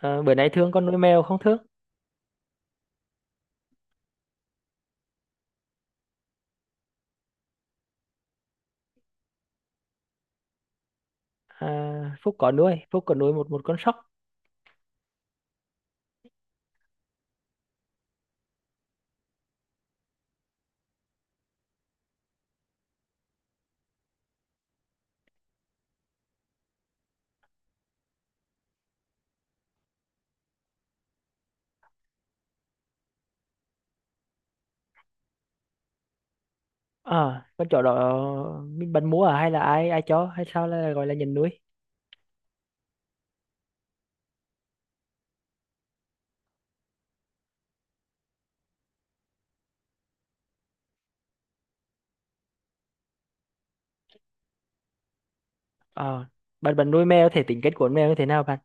Ờ, Bữa nay Thương con nuôi mèo không Thương? À, Phúc có nuôi một một con sóc. À, con chó đó mình bạn mua à hay là ai ai cho hay sao là gọi là nhận nuôi? Ờ, bạn bạn nuôi mèo thể tính kết của con mèo như thế nào bạn?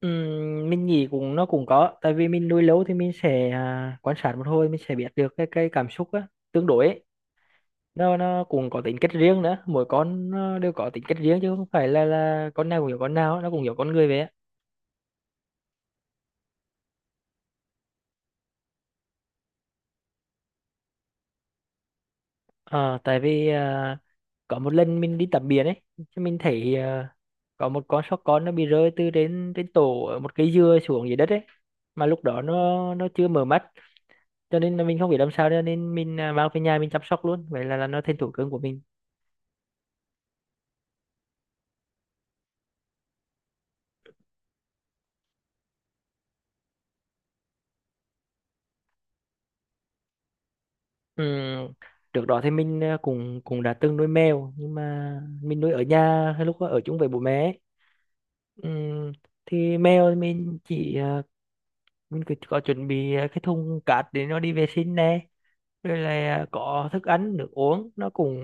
Mình nghĩ cũng nó cũng có, tại vì mình nuôi lâu thì mình sẽ quan sát một hồi mình sẽ biết được cái cảm xúc á, tương đối ấy. Nó cũng có tính cách riêng nữa, mỗi con nó đều có tính cách riêng chứ không phải là con nào cũng hiểu con nào, nó cũng hiểu con người vậy á. Ờ, tại vì có một lần mình đi tắm biển ấy, chứ mình thấy có một con sóc con nó bị rơi từ trên trên tổ ở một cây dừa xuống dưới đất ấy, mà lúc đó nó chưa mở mắt, cho nên là mình không biết làm sao cho nên mình mang về nhà mình chăm sóc luôn, vậy là nó thành thú cưng của mình. Ừm, Trước đó thì mình cũng cũng đã từng nuôi mèo, nhưng mà mình nuôi ở nhà hay lúc ở chung với bố mẹ ấy. Ừm, thì mèo thì mình chỉ mình cứ có chuẩn bị cái thùng cát để nó đi vệ sinh nè, rồi là có thức ăn nước uống nó cũng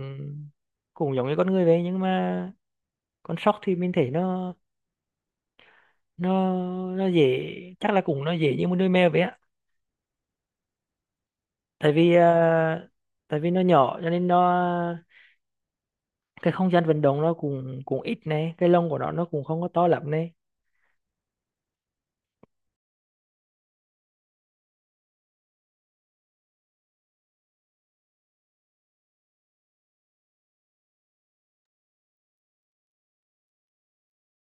cũng giống như con người vậy, nhưng mà con sóc thì mình thấy nó nó dễ, chắc là cũng nó dễ như một đôi mèo vậy á, tại vì tại vì nó nhỏ cho nên nó cái không gian vận động nó cũng cũng ít này, cái lông của nó cũng không có to lắm này.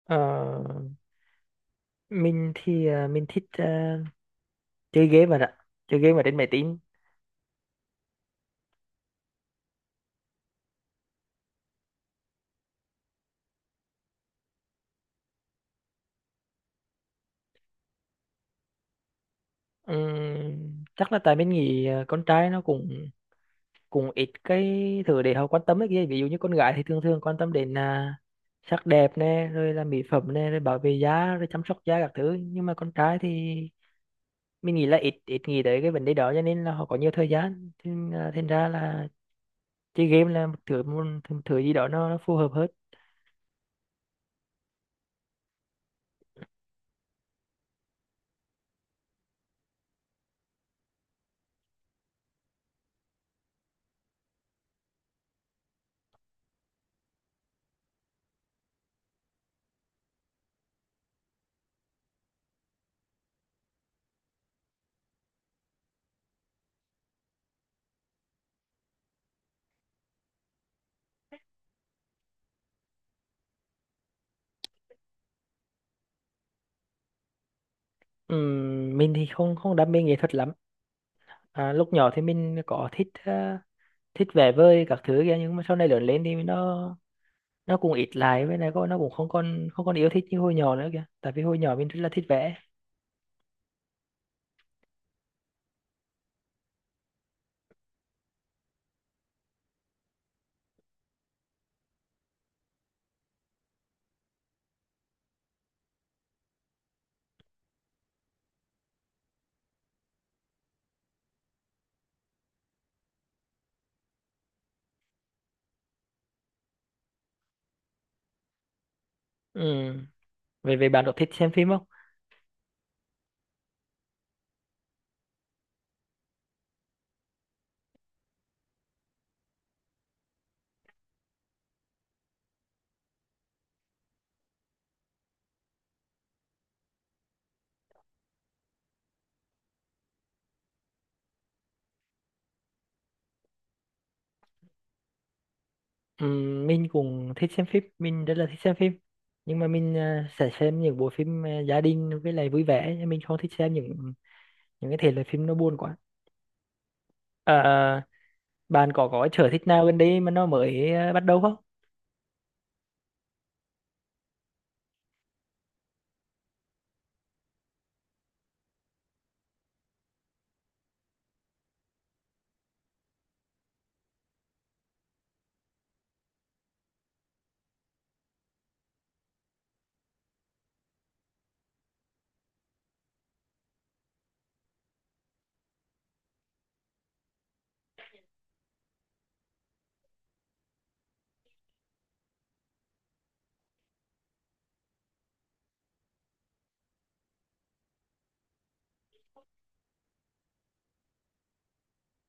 Ờ, mình thì mình thích chơi game mà ạ, chơi game ở trên máy tính. Chắc là tại mình nghĩ con trai nó cũng cũng ít cái thứ để họ quan tâm ấy kia, ví dụ như con gái thì thường thường quan tâm đến sắc đẹp nè rồi là mỹ phẩm nè rồi bảo vệ da rồi chăm sóc da các thứ, nhưng mà con trai thì mình nghĩ là ít ít nghĩ tới cái vấn đề đó, cho nên là họ có nhiều thời gian thì, à, thành ra là chơi game là một thứ gì đó nó phù hợp hơn. Mình thì không không đam mê nghệ thuật lắm, à, lúc nhỏ thì mình có thích thích vẽ vời các thứ kia, nhưng mà sau này lớn lên thì nó cũng ít lại với này, có nó cũng không còn yêu thích như hồi nhỏ nữa kìa, tại vì hồi nhỏ mình rất là thích vẽ. Ừ. Về về bạn có thích xem phim không? Ừ, mình cũng thích xem phim, mình rất là thích xem phim, nhưng mà mình sẽ xem những bộ phim gia đình với lại vui vẻ, nhưng mình không thích xem những cái thể loại phim nó buồn quá. Ờ, bạn có sở thích nào gần đây mà nó mới bắt đầu không?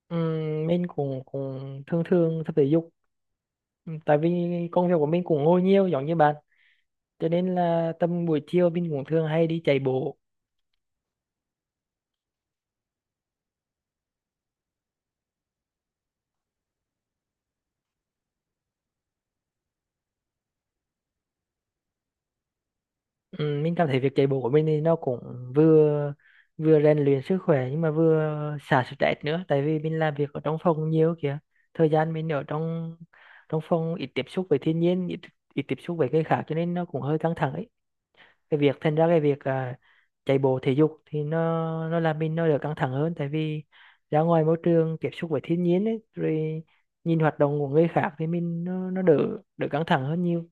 Ừ, mình cũng cũng thường thường tập thể dục. Ừ, tại vì công việc của mình cũng ngồi nhiều giống như bạn, cho nên là tầm buổi chiều mình cũng thường hay đi chạy bộ. Ừ, mình cảm thấy việc chạy bộ của mình thì nó cũng vừa vừa rèn luyện sức khỏe nhưng mà vừa xả stress nữa, tại vì mình làm việc ở trong phòng nhiều kìa, thời gian mình ở trong trong phòng ít tiếp xúc với thiên nhiên, ít, ít tiếp xúc với người khác cho nên nó cũng hơi căng thẳng ấy, cái việc thành ra cái việc chạy bộ thể dục thì nó làm mình nó đỡ căng thẳng hơn, tại vì ra ngoài môi trường tiếp xúc với thiên nhiên ấy rồi nhìn hoạt động của người khác thì mình nó đỡ đỡ căng thẳng hơn nhiều.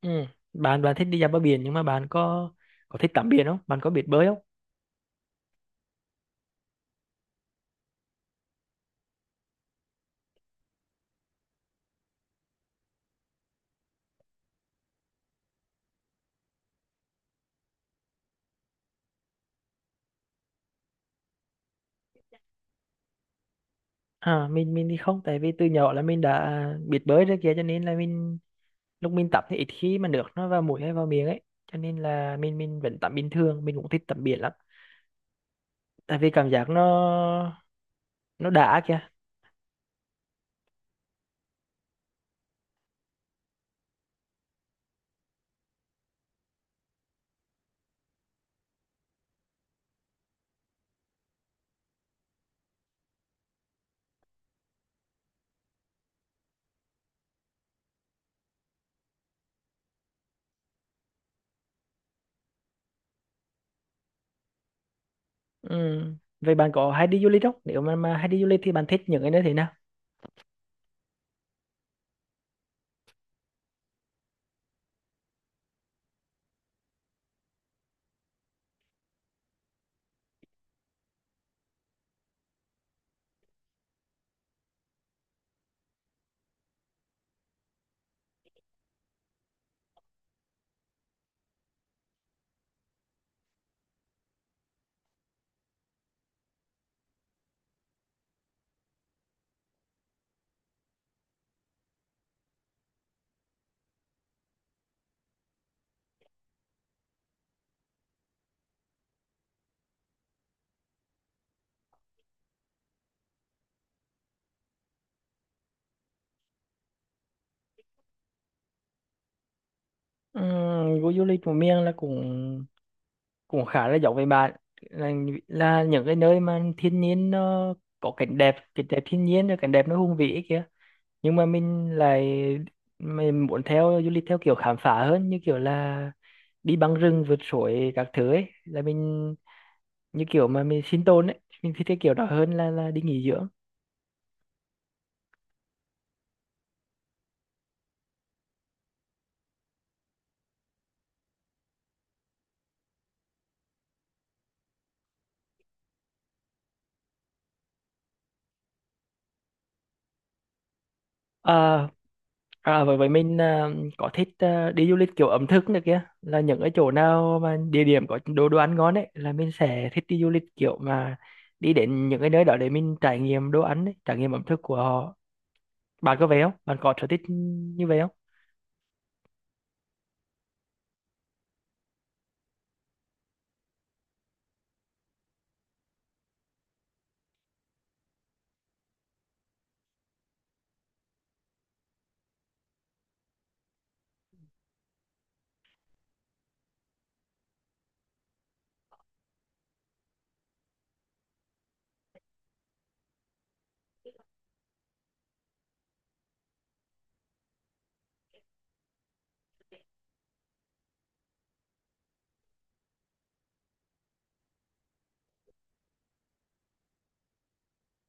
Ừ. bạn bạn thích đi dạo bờ biển, nhưng mà bạn có thích tắm biển không, bạn có biết bơi không? À mình thì không, tại vì từ nhỏ là mình đã biết bơi rồi kia, cho nên là mình lúc mình tắm thì ít khi mà nước nó vào mũi hay vào miệng ấy, cho nên là mình vẫn tắm bình thường, mình cũng thích tắm biển lắm, tại vì cảm giác nó đã kìa. Ừ. Vậy bạn có hay đi du lịch không, nếu mà hay đi du lịch thì bạn thích những cái nơi thế nào? Ừ. Du lịch của miền là cũng cũng khá là giống với bạn, là, là những cái nơi mà thiên nhiên nó có cảnh đẹp, cảnh đẹp thiên nhiên rồi cảnh đẹp nó hùng vĩ ấy kìa, nhưng mà mình lại mình muốn theo du lịch theo kiểu khám phá hơn, như kiểu là đi băng rừng vượt suối các thứ ấy, là mình như kiểu mà mình sinh tồn ấy, mình thích cái kiểu đó hơn là đi nghỉ dưỡng. À, À, vậy vậy mình có thích đi du lịch kiểu ẩm thực nữa kia, là những cái chỗ nào mà địa điểm có đồ đồ ăn ngon ấy, là mình sẽ thích đi du lịch kiểu mà đi đến những cái nơi đó để mình trải nghiệm đồ ăn ấy, trải nghiệm ẩm thực của họ. Bạn có vậy không, bạn có sở thích như vậy không?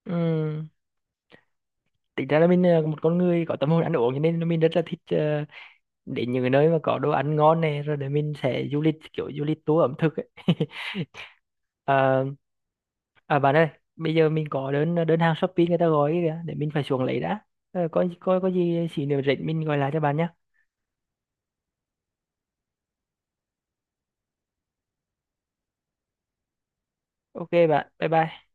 Ừm, Tính ra là mình một con người có tâm hồn ăn uống, cho nên mình rất là thích đến những cái nơi mà có đồ ăn ngon này, rồi để mình sẽ du lịch kiểu du lịch tour ẩm thực ấy. Ờ, À bạn ơi, bây giờ mình có đơn đơn hàng Shopee người ta gọi kìa, để mình phải xuống lấy đã. Ờ, có có gì xí nữa rảnh mình gọi lại cho bạn nhé. Ok bạn, bye bye.